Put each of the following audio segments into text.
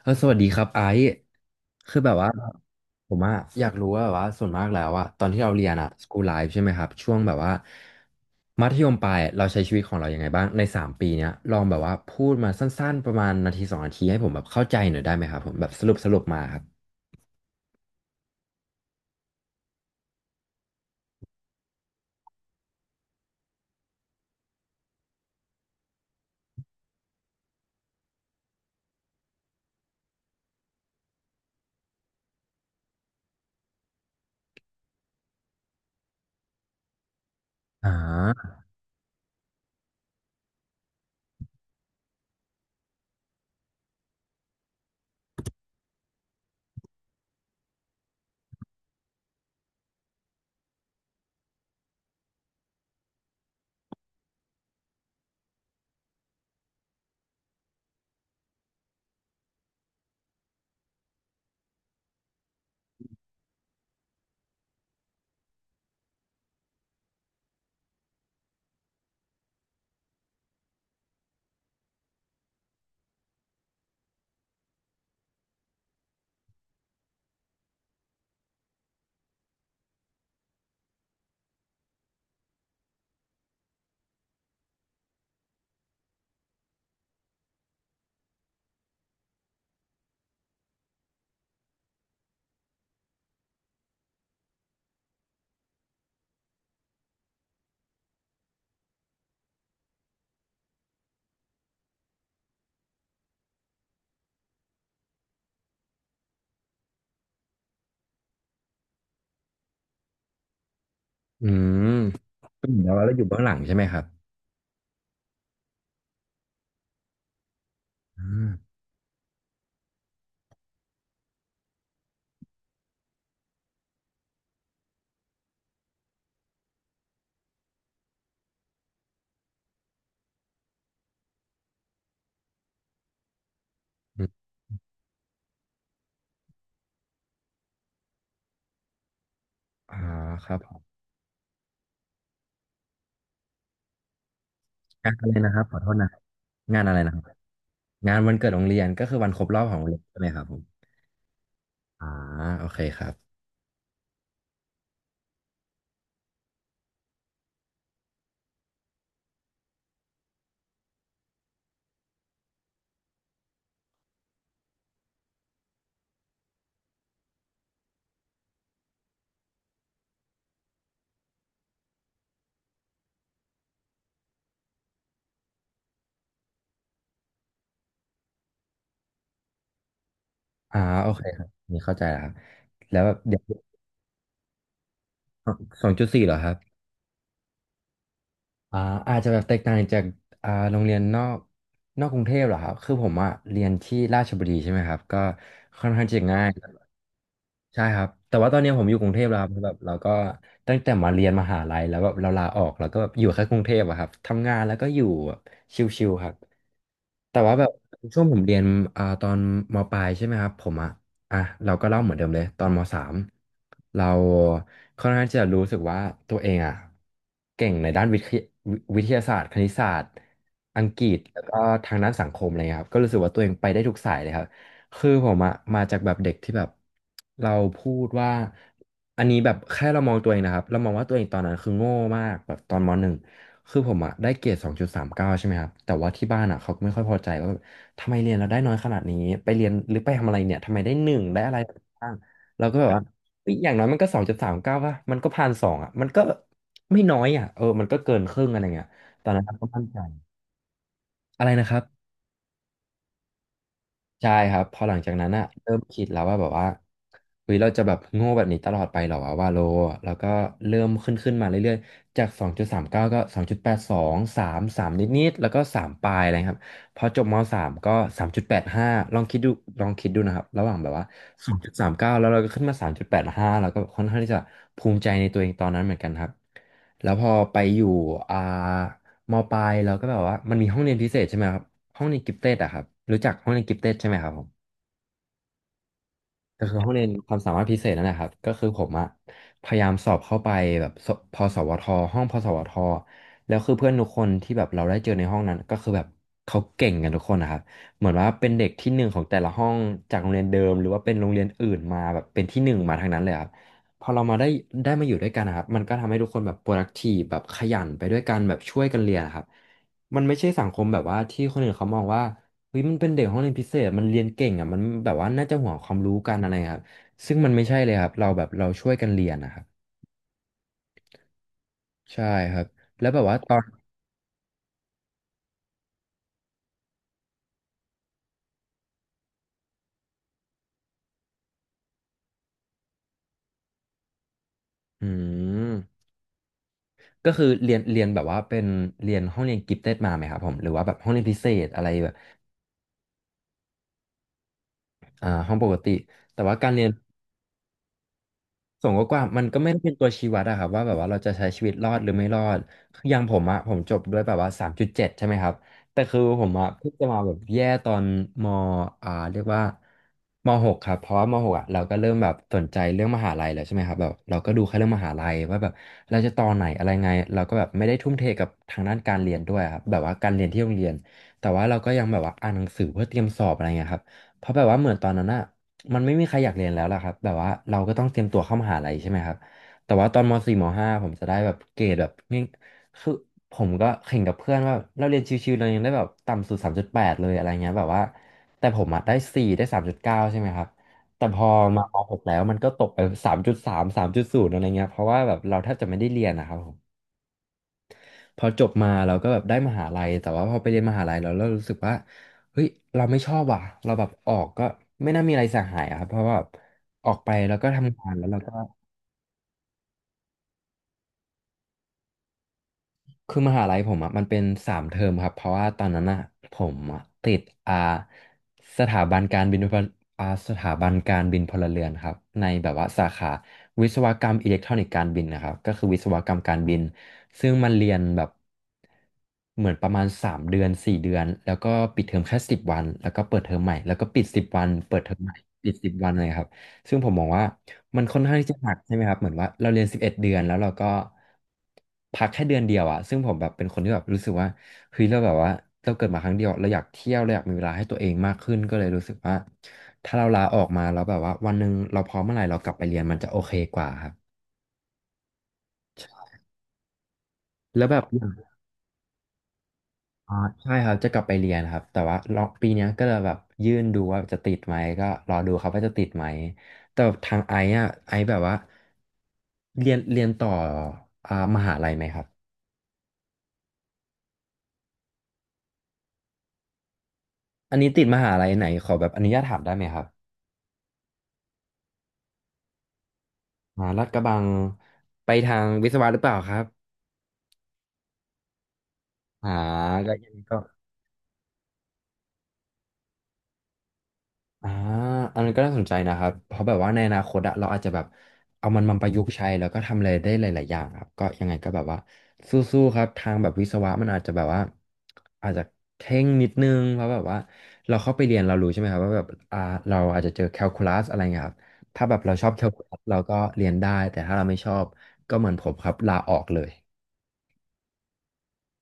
สวัสดีครับไอซ์คือแบบว่าผมอยากรู้ว่าแบบว่าส่วนมากแล้วอะตอนที่เราเรียนอะสกูลไลฟ์ใช่ไหมครับช่วงแบบว่ามัธยมปลายเราใช้ชีวิตของเรายังไงบ้างในสามปีเนี้ยลองแบบว่าพูดมาสั้นๆประมาณนาทีสองนาทีให้ผมแบบเข้าใจหน่อยได้ไหมครับผมแบบสรุปมาครับอ่าอืมก็เหมือนกับว่าเราอยู่เบื้องหลังใช่ไหมครับอืมอืมอ่าครับผมงานอะไรนะครับขอโทษนะครับงานอะไรนะครับงานวันเกิดโรงเรียนก็คือวันครบรอบของโรงเรียนใช่ไหมครับผมอ่าโอเคครับ อ่าโอเคครับนี่เข้าใจแล้วครับแล้วแบบเด็กสองจุดสี่เหรอครับอ่าอาจจะแบบแตกต่างจากอ่าโรงเรียนนอกนอกกรุงเทพเหรอครับคือผมอะเรียนที่ราชบุรีใช่ไหมครับก็ค่อนข้างจะง่ายใช่ครับแต่ว่าตอนนี้ผมอยู่กรุงเทพแล้วครับแบบเราก็ตั้งแต่มาเรียนมหาลัยแล้วแบบเราลาออกแล้วก็แบบอยู่แค่กรุงเทพอะครับทำงานแล้วก็อยู่แบบชิลๆครับ แต่ว่าแบบช่วงผมเรียนตอนมปลายใช่ไหมครับผมอ่ะอ่ะเราก็เล่าเหมือนเดิมเลยตอนมสามเราค่อนข้างที่จะรู้สึกว่าตัวเองเก่งในด้านวิทยาศาสตร์คณิตศาสตร์อังกฤษแล้วก็ทางด้านสังคมอะไรเงี้ยครับก็รู้สึกว่าตัวเองไปได้ทุกสายเลยครับคือผมอะมาจากแบบเด็กที่แบบเราพูดว่าอันนี้แบบแค่เรามองตัวเองนะครับเรามองว่าตัวเองตอนนั้นคือโง่มากแบบตอนมหนึ่ง คือผมอะได้เกรดสองจุดสามเก้าใช่ไหมครับแต่ว่าที่บ้านอะเขาไม่ค่อยพอใจว่าแบบทำไมเรียนเราได้น้อยขนาดนี้ไปเรียนหรือไปทำอะไรเนี่ยทำไมได้หนึ่งได้อะไรบ้างเราก็แบบว่าเฮ้ยอย่างน้อยมันก็สองจุดสามเก้าป่ะมันก็ผ่านสองอะมันก็ไม่น้อยอะเออมันก็เกินครึ่งอะไรเงี้ยตอนนั้นเราก็มั่นใจอะไรนะครับ ใช่ครับพอหลังจากนั้นอะเริ่มคิดแล้วว่าแบบว่าเฮ้ยเราจะแบบโง่แบบนี้ตลอดไปเหรอวะว่าโลแล้วก็เริ่มขึ้นมาเรื่อยๆจาก2.39กาก็สองจุดแปดสองสา8 2ามนิดๆแล้วก็3ปลายอะไรครับพอจบมสา .3 ก็3.85ลองคิดดูนะครับระหว่างแบบว่าสองจุดสามเก3 9แล้วเราก็ขึ้นมา3.85แปดห้าแล้วก็ค่อนข้างที่จะภูมิใจในตัวเองตอนนั้นเหมือนกันครับแล้วพอไปอยู่อ่า มปลายเราก็แบบว่ามันมีห้องเรียนพิเศษใช่ไหมครับห้องเรียนกิฟเต็ดอะครับรู้จักห้องเรียนกิฟเต็ดใช่ไหมครับผม ก็คือห้องเรียนความสามารถพิเศษนั่นแหละครับก็คือผมอะพยายามสอบเข้าไปแบบสพสวทห้องพสวทแล้วคือเพื่อนทุกคนที่แบบเราได้เจอในห้องนั้นก็คือแบบเขาเก่งกันทุกคนนะครับเหมือนว่าเป็นเด็กที่หนึ่งของแต่ละห้องจากโรงเรียนเดิมหรือว่าเป็นโรงเรียนอื่นมาแบบเป็นที่หนึ่งมาทางนั้นเลยครับพอเรามาได้มาอยู่ด้วยกันนะครับมันก็ทำให้ทุกคนแบบ productive แบบขยันไปด้วยกันแบบช่วยกันเรียนนะครับมันไม่ใช่สังคมแบบว่าที่คนอื่นเขามองว่า เฮ้ยมันเป็นเด็กห้องเรียนพิเศษมันเรียนเก่งอ่ะมันแบบว่าน่าจะห่วงความรู้กันอะไรครับซึ่งมันไม่ใช่เลยครับเราแบบเราช่วยกันเรียนนะครับใช่ครับแล้วแบบว่าตอนอืมก็คือเรียนแบบว่าเป็นเรียนห้องเรียนกิฟเต็ดมาไหมครับผมหรือว่าแบบห้องเรียนพิเศษอะไรแบบอ่าห้องปกติแต่ว่าการเรียน ส่วนกว้างๆมันก็ไม่ได้เป็นตัวชี้วัดอะครับว่าแบบว่าเราจะใช้ชีวิตรอดหรือไม่รอดคืออย่างผมอะผมจบด้วยแบบว่า3.7ใช่ไหมครับแต่คือผมอะเพิ่งจะมาแบบแย่ตอนมอ่าเรียกว่ามหกครับเพราะว่ามหกอะเราก็เริ่มแบบสนใจเรื่องมหาลัยแล้วใช่ไหมครับแบบเราก็ดูแค่เรื่องมหาลัยว่าแบบเราจะต่อไหนอะไรไงเราก็แบบไม่ได้ทุ่มเทกับทางด้านการเรียนด้วยครับแบบว่าการเรียนที่โรงเรียนแต่ว่าเราก็ยังแบบว่าอ่านหนังสือเพื่อเตรียมสอบอะไรเงี้ยครับเพราะแบบว่าเหมือนตอนนั้นอะ มันไม่มีใครอยากเรียนแล้วล่ะครับแบบว่าเราก็ต้องเตรียมตัวเข้ามหาลัยใช่ไหมครับแต่ว่าตอนมสี่ม .5 ผมจะได้แบบเกรดแบบง่ายคือผมก็แข่งกับเพื่อนว่าเราเรียนชิวๆเรายังได้แบบต่ำสุด3.8เลยอะไรเงี้ยแบบว่าแต่ผมอะได้4ได้3.9ใช่ไหมครับแต่พอมามหกแล้วมันก็ตกไป3.3 3.0อะไรเงี้ยเพราะว่าแบบเราแทบจะไม่ได้เรียนนะครับผม พอจบมาเราก็แบบได้มหาลัยแต่ว่าพอไปเรียนมหาลัยแล้วเรารู้สึกว่าเฮ้ยเราไม่ชอบว่ะเราแบบออกก็ไม่น่ามีอะไรเสียหายอะครับเพราะว่าออกไปแล้วก็ทำงานแล้วเราก็ คือมหาลัยผมอ่ะมันเป็น3 เทอมครับเพราะว่าตอนนั้นอ่ะผมอะติดอ่าสถาบันการบินพลสถาบันการบินพลเรือนครับในแบบว่าสาขาวิศวกรรมอิเล็กทรอนิกส์การบินนะครับก็คือวิศวกรรมการบินซึ่งมันเรียนแบบเหมือนประมาณ3 เดือน4 เดือนแล้วก็ปิดเทอมแค่สิบวันแล้วก็เปิดเทอมใหม่แล้วก็ปิดสิบวันเปิดเทอมใหม่ปิดสิบวันเลยครับ ซึ่งผมมองว่ามันค่อนข้างที่จะหนักใช่ไหมครับเหมือนว่าเราเรียน11 เดือนแล้วเราก็พักแค่เดือนเดียวอะซึ่งผมแบบเป็นคนที่แบบรู้สึกว่าเฮ้ยเราแบบว่าเราเกิดมาครั้งเดียวเราอยากเที่ยวเราอยากมีเวลาให้ตัวเองมากขึ้นก็เลยรู้สึกว่าถ้าเราลาออกมาแล้วแบบว่าวันหนึ่งเราพร้อมเมื่อไหร่เรากลับไปเรียนมันจะโอเคกว่าครับแล้วแบบ อ่าใช่ครับจะกลับไปเรียนครับแต่ว่าลองปีเนี้ยก็เลยแบบยื่นดูว่าจะติดไหมก็รอดูครับว่าจะติดไหมแต่ทางไอ้แบบว่าเรียนต่ออ่ามหาลัยไหมครับอันนี้ติดมหาลัยไหนขอแบบอนุญาตถามได้ไหมครับอ่าลาดกระบังไปทางวิศวะหรือเปล่าครับอ่าก็ยัง อ่าอันนั้นก็น่าสนใจนะครับเพราะแบบว่าในอนาคตอะเราอาจจะแบบเอามันมาประยุกต์ใช้แล้วก็ทำอะไรได้หลายๆอย่างครับก็ยังไงก็แบบว่าสู้ๆครับทางแบบวิศวะมันอาจจะแบบว่าอาจจะเข่งนิดนึงเพราะแบบว่าเราเข้าไปเรียนเรารู้ใช่ไหมครับว่าแบบอ่าเราอาจจะเจอแคลคูลัสอะไรเงี้ยครับถ้าแบบเราชอบแคลคูลัสเราก็เรียนได้แต่ถ้าเราไม่ชอบก็เหมือนผมครับลาออกเลย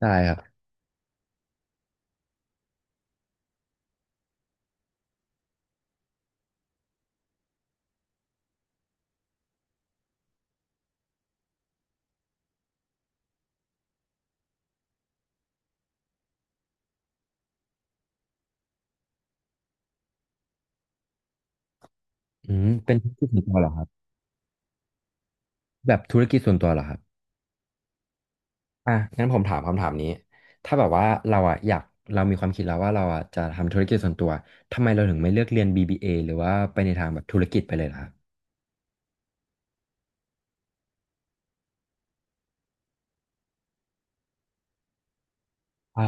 ได้ครับอืมเป็นธุรกิจส่วนตัวเหรอครับแบบธุรกิจส่วนตัวเหรอครับ อ่ะงั้นผมถามคำถามนี้ ถ้าแบบว่าเราอ่ะอยากเรามีความคิดแล้วว่าเราอ่ะจะทำธุรกิจส่วนตัว ทำไมเราถึงไม่เลือกเรียน BBA หรือว่าไปในทางแบบธุรกิจไปเลยล่ะครับอ่า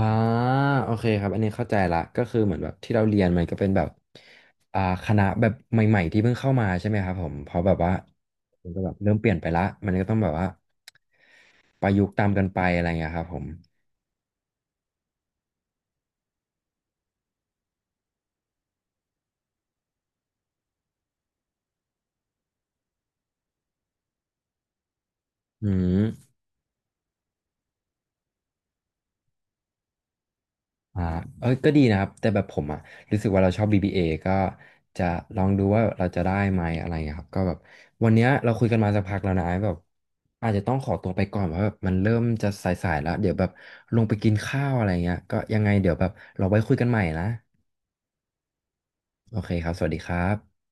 โอเคครับ อันนี้เข้าใจละก็คือเหมือนแบบที่เราเรียนมันก็เป็นแบบอ่าคณะแบบใหม่ๆที่เพิ่งเข้ามาใช่ไหมครับผมเพราะแบบว่ามันก็แบบเริ่มเปลี่ยนไปละมันก็ต้องแบบว่าประยุกต์ตามกันไปอะไรเงี้ยครับผมอืม อ่าเออก็ดีนะครับ แต่แบบผมอ่ะรู้สึกว่าเราชอบ BBA ก็จะลองดูว่าเราจะได้ไหมอะไรเงี้ยครับก็แบบวันเนี้ยเราคุยกันมาสักพักแล้วนะแบบอาจจะต้องขอตัวไปก่อนเพราะแบบมันเริ่มจะสายๆแล้ว เดี๋ยวแบบลงไปกินข้าวอะไรเงี้ยก็ยังไงเดี๋ยวแบบเราไว้คุยกันใหม่นะโอเคครับสวัสดีครับ